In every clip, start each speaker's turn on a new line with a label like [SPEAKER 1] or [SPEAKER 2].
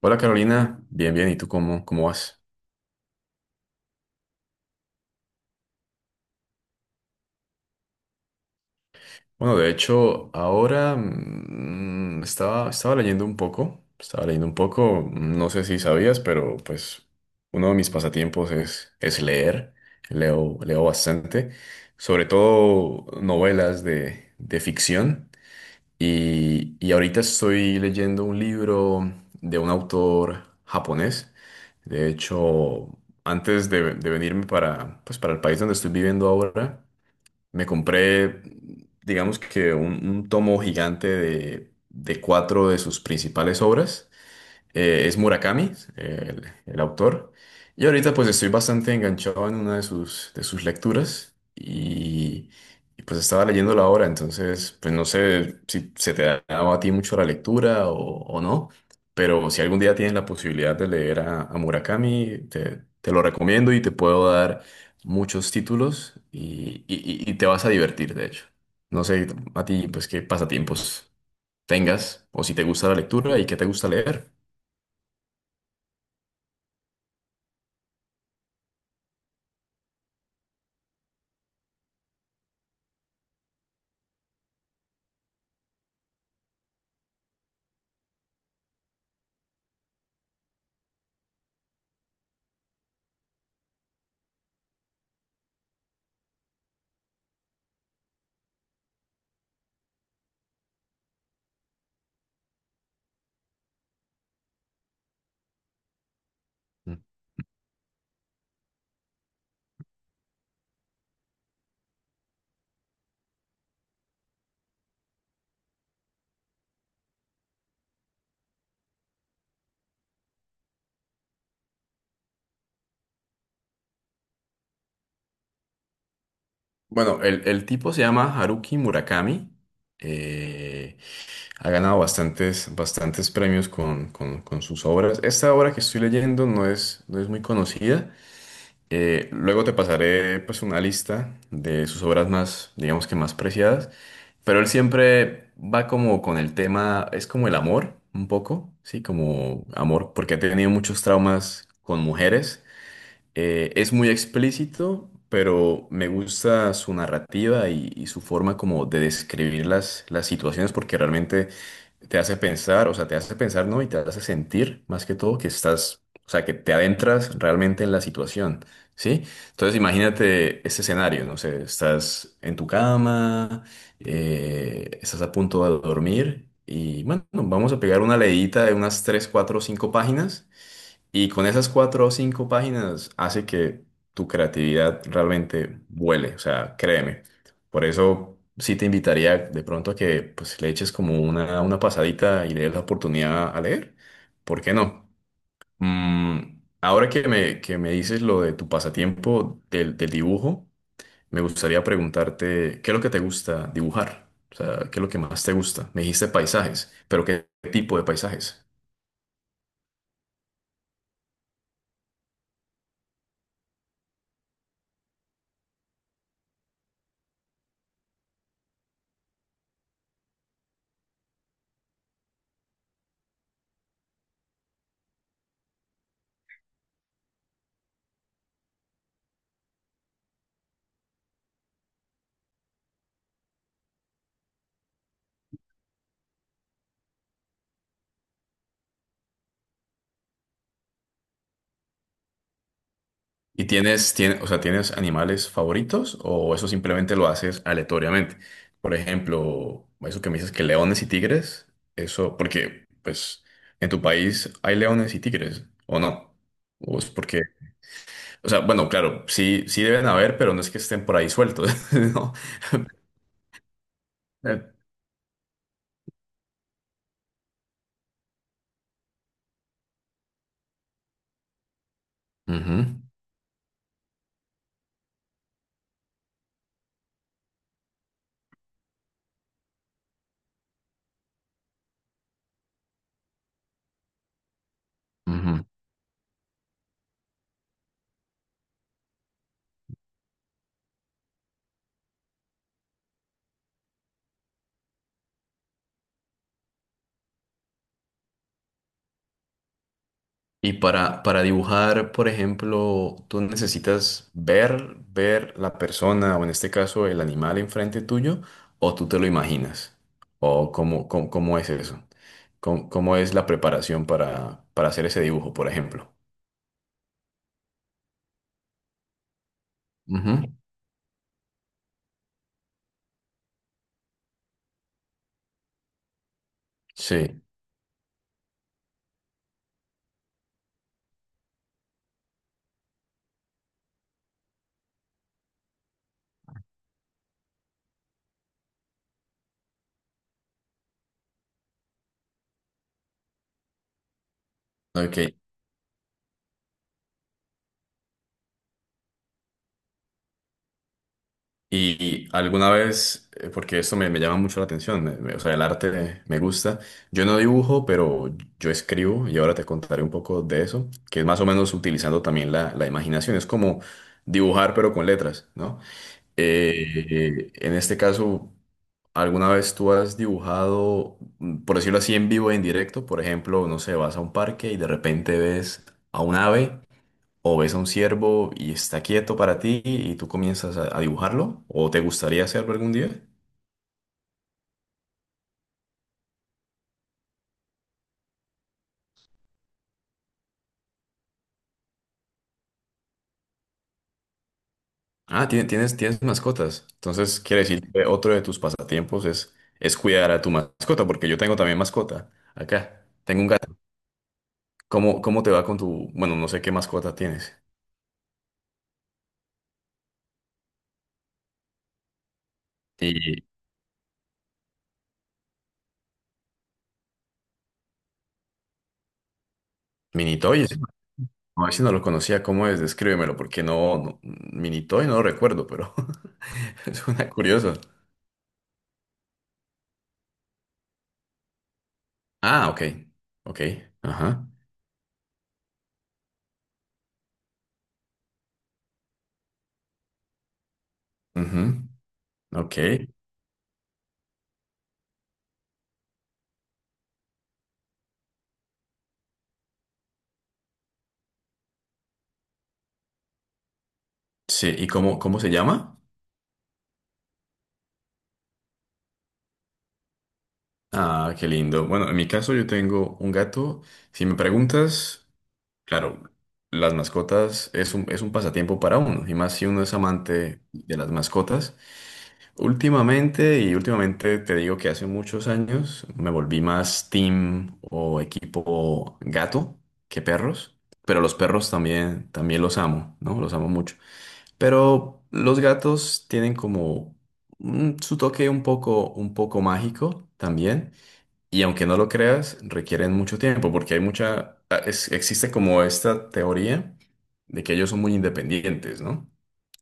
[SPEAKER 1] Hola Carolina, bien, bien, ¿y tú cómo vas? Bueno, de hecho, ahora estaba leyendo un poco, estaba leyendo un poco, no sé si sabías, pero pues uno de mis pasatiempos es leer, leo bastante, sobre todo novelas de ficción y ahorita estoy leyendo un libro de un autor japonés, de hecho, antes de venirme para, pues, para el país donde estoy viviendo ahora, me compré, digamos que un tomo gigante de cuatro de sus principales obras. Es Murakami, el autor. Y ahorita pues estoy bastante enganchado en una de sus lecturas y, pues estaba leyendo la obra, entonces pues no sé si se te ha dado a ti mucho la lectura o no, pero si algún día tienes la posibilidad de leer a Murakami, te lo recomiendo y te puedo dar muchos títulos y, y te vas a divertir, de hecho. No sé a ti pues qué pasatiempos tengas o si te gusta la lectura y qué te gusta leer. Bueno, el tipo se llama Haruki Murakami. eh, Ha ganado bastantes, bastantes premios con, con sus obras. Esta obra que estoy leyendo no es, no es muy conocida. Luego te pasaré pues una lista de sus obras más, digamos que más preciadas. Pero él siempre va como con el tema, es como el amor, un poco, ¿sí? Como amor, porque ha tenido muchos traumas con mujeres. Es muy explícito, pero me gusta su narrativa y su forma como de describir las situaciones porque realmente te hace pensar, o sea, te hace pensar, ¿no? Y te hace sentir más que todo que estás, o sea, que te adentras realmente en la situación, ¿sí? Entonces imagínate este escenario, no sé, estás en tu cama, estás a punto de dormir y bueno, vamos a pegar una leída de unas 3 4 5 páginas y con esas cuatro o cinco páginas hace que tu creatividad realmente vuele, o sea, créeme. Por eso sí te invitaría de pronto a que pues, le eches como una pasadita y le des la oportunidad a leer. ¿Por qué no? Ahora que me dices lo de tu pasatiempo del dibujo, me gustaría preguntarte, ¿qué es lo que te gusta dibujar? O sea, ¿qué es lo que más te gusta? Me dijiste paisajes, pero ¿qué tipo de paisajes? ¿Y tienes animales favoritos o eso simplemente lo haces aleatoriamente? Por ejemplo, eso que me dices que leones y tigres, eso porque, pues, en tu país hay leones y tigres, ¿o no? O es porque, o sea, bueno, claro, sí, sí deben haber, pero no es que estén por ahí sueltos, ¿no? Eh, ujú, ujú. Y para dibujar, por ejemplo, tú necesitas ver, ver la persona o en este caso el animal enfrente tuyo o tú te lo imaginas. O cómo, cómo, cómo es eso. Cómo, cómo es la preparación para hacer ese dibujo, por ejemplo. Ujú, sí. Ok. Y alguna vez, porque esto me, me llama mucho la atención, o sea, el arte me gusta. Yo no dibujo, pero yo escribo y ahora te contaré un poco de eso, que es más o menos utilizando también la imaginación. Es como dibujar, pero con letras, ¿no? En este caso, ¿alguna vez tú has dibujado, por decirlo así, en vivo, en directo? Por ejemplo, no sé, vas a un parque y de repente ves a un ave o ves a un ciervo y está quieto para ti y tú comienzas a dibujarlo, o te gustaría hacerlo algún día. Ah, tienes mascotas. Entonces, quiere decir que otro de tus pasatiempos es cuidar a tu mascota, porque yo tengo también mascota acá. Tengo un gato. ¿Cómo, cómo te va con tu, bueno, no sé qué mascota tienes? Y Minitoy, no, ese no lo conocía, ¿cómo es? Descríbemelo, porque no, no Minitoy no lo recuerdo, pero suena curioso. Ah, ok, ok, ajá, ujú, ok. Sí, ¿y cómo, cómo se llama? Ah, qué lindo. Bueno, en mi caso yo tengo un gato. Si me preguntas, claro, las mascotas es un pasatiempo para uno, y más si uno es amante de las mascotas. Últimamente, y últimamente te digo que hace muchos años, me volví más team o equipo gato que perros, pero los perros también, también los amo, ¿no? Los amo mucho. Pero los gatos tienen como su toque un poco mágico también. Y aunque no lo creas, requieren mucho tiempo porque hay mucha, ah, existe como esta teoría de que ellos son muy independientes, ¿no?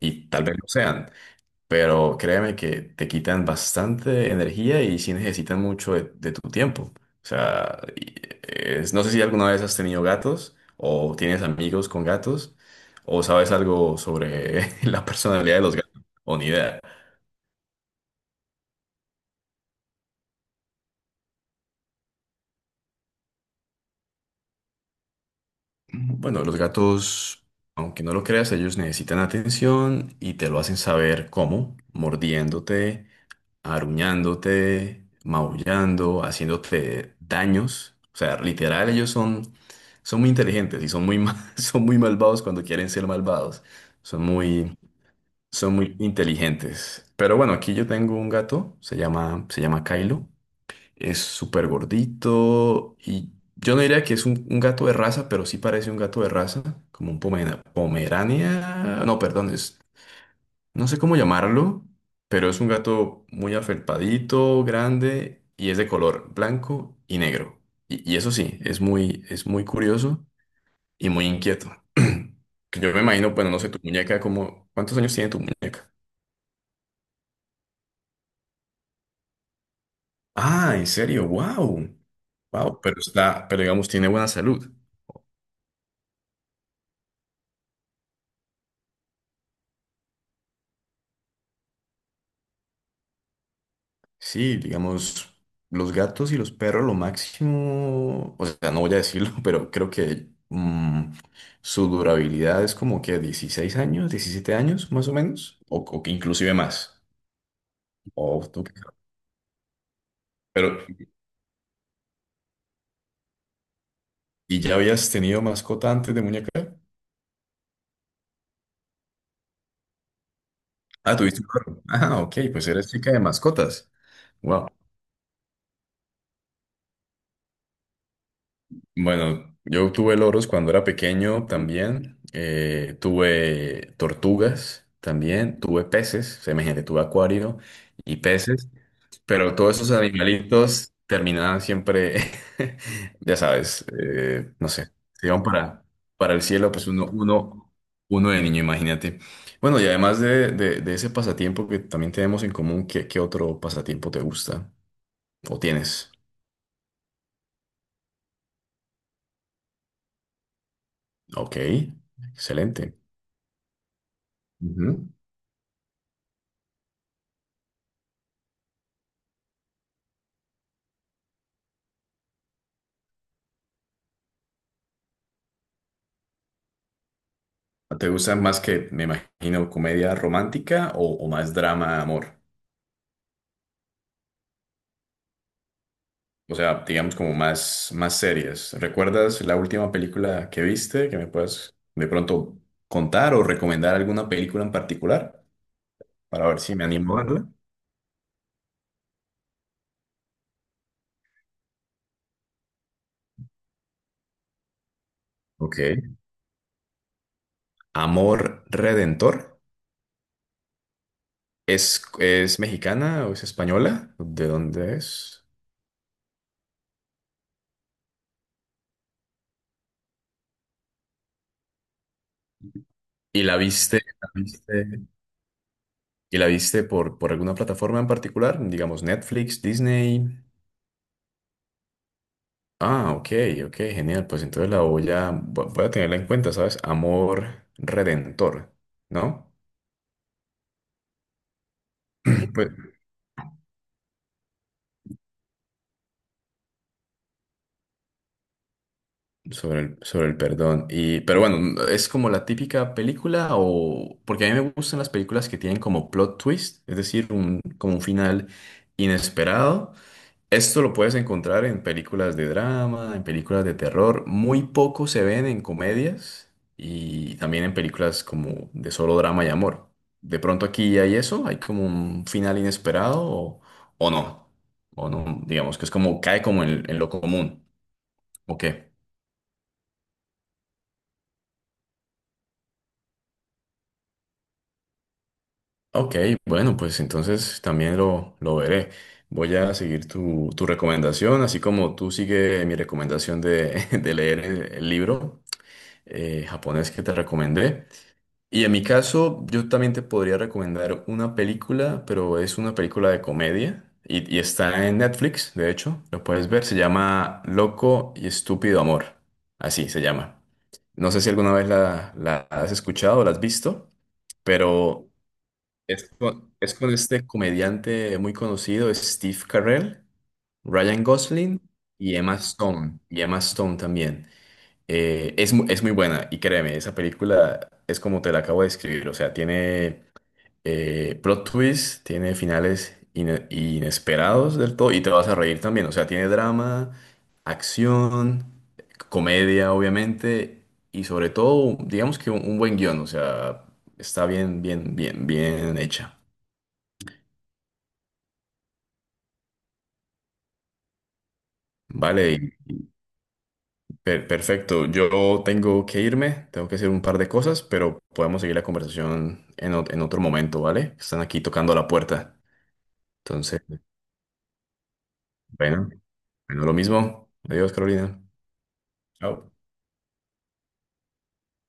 [SPEAKER 1] Y tal vez lo sean, pero créeme que te quitan bastante energía y sí necesitan mucho de tu tiempo. O sea, no sé si alguna vez has tenido gatos o tienes amigos con gatos o sabes algo sobre la personalidad de los gatos o ni idea. Bueno, los gatos, aunque no lo creas, ellos necesitan atención y te lo hacen saber cómo, mordiéndote aruñándote, maullando, haciéndote daños. O sea, literal, ellos son, son muy inteligentes y son muy, son muy malvados cuando quieren ser malvados. Son muy, son muy inteligentes. Pero bueno, aquí yo tengo un gato, se llama Kylo. Es súper gordito y yo no diría que es un gato de raza, pero sí parece un gato de raza, como un pomerania. No, perdón, es. No sé cómo llamarlo, pero es un gato muy afelpadito, grande y es de color blanco y negro. Y eso sí, es muy curioso y muy inquieto. Que yo me imagino, bueno, no sé, tu muñeca, como, ¿cuántos años tiene tu muñeca? Ah, en serio, wow. Wow, pero está, pero digamos, tiene buena salud. Sí, digamos, los gatos y los perros, lo máximo, o sea, no voy a decirlo, pero creo que su durabilidad es como que 16 años, 17 años más o menos, o que inclusive más. O tú qué sabes. Pero, ¿y ya habías tenido mascota antes de muñeca? Ah, tuviste un perro. Ah, ok, pues eres chica de mascotas. Wow. Bueno, yo tuve loros cuando era pequeño también, tuve tortugas también, tuve peces, semejante, tuve acuario y peces, pero todos esos animalitos terminaban siempre, ya sabes, no sé, se iban para el cielo, pues uno, uno, uno de niño, imagínate. Bueno, y además de ese pasatiempo que también tenemos en común, ¿qué, qué otro pasatiempo te gusta o tienes? Ok, excelente. ¿Te gusta más que, me imagino, comedia romántica o más drama, amor? O sea, digamos como más, más series. ¿Recuerdas la última película que viste que me puedas de pronto contar o recomendar alguna película en particular para ver si me animo a verla? Ok. Amor Redentor. Es mexicana o es española? ¿De dónde es? ¿Y la viste, y la viste por alguna plataforma en particular? Digamos Netflix, Disney. Ah, ok, ok, genial. Pues entonces la voy voy a tenerla en cuenta, ¿sabes? Amor redentor, ¿no? Pues, sobre el perdón. Y, pero bueno, ¿es como la típica película o...? Porque a mí me gustan las películas que tienen como plot twist, es decir, un, como un final inesperado. Esto lo puedes encontrar en películas de drama, en películas de terror. Muy poco se ven en comedias y también en películas como de solo drama y amor. De pronto aquí hay eso, hay como un final inesperado o no. O no, digamos que es como cae como en lo común. ¿O qué? Ok, bueno, pues entonces también lo veré. Voy a seguir tu, tu recomendación, así como tú sigue mi recomendación de, de leer el libro japonés que te recomendé. Y en mi caso, yo también te podría recomendar una película, pero es una película de comedia y está en Netflix, de hecho, lo puedes ver, se llama Loco y Estúpido Amor, así se llama. No sé si alguna vez la, la has escuchado o la has visto, pero es con este comediante muy conocido, es Steve Carell, Ryan Gosling y Emma Stone también. Es, es muy buena y créeme, esa película es como te la acabo de describir, o sea, tiene plot twists, tiene finales inesperados del todo y te vas a reír también, o sea, tiene drama, acción, comedia, obviamente, y sobre todo, digamos que un buen guión, o sea, está bien, bien, bien, bien hecha, ¿vale? Perfecto, yo tengo que irme, tengo que hacer un par de cosas, pero podemos seguir la conversación en, en otro momento, ¿vale? Están aquí tocando la puerta. Entonces, bueno, bueno, lo mismo. Adiós, Carolina. Chao.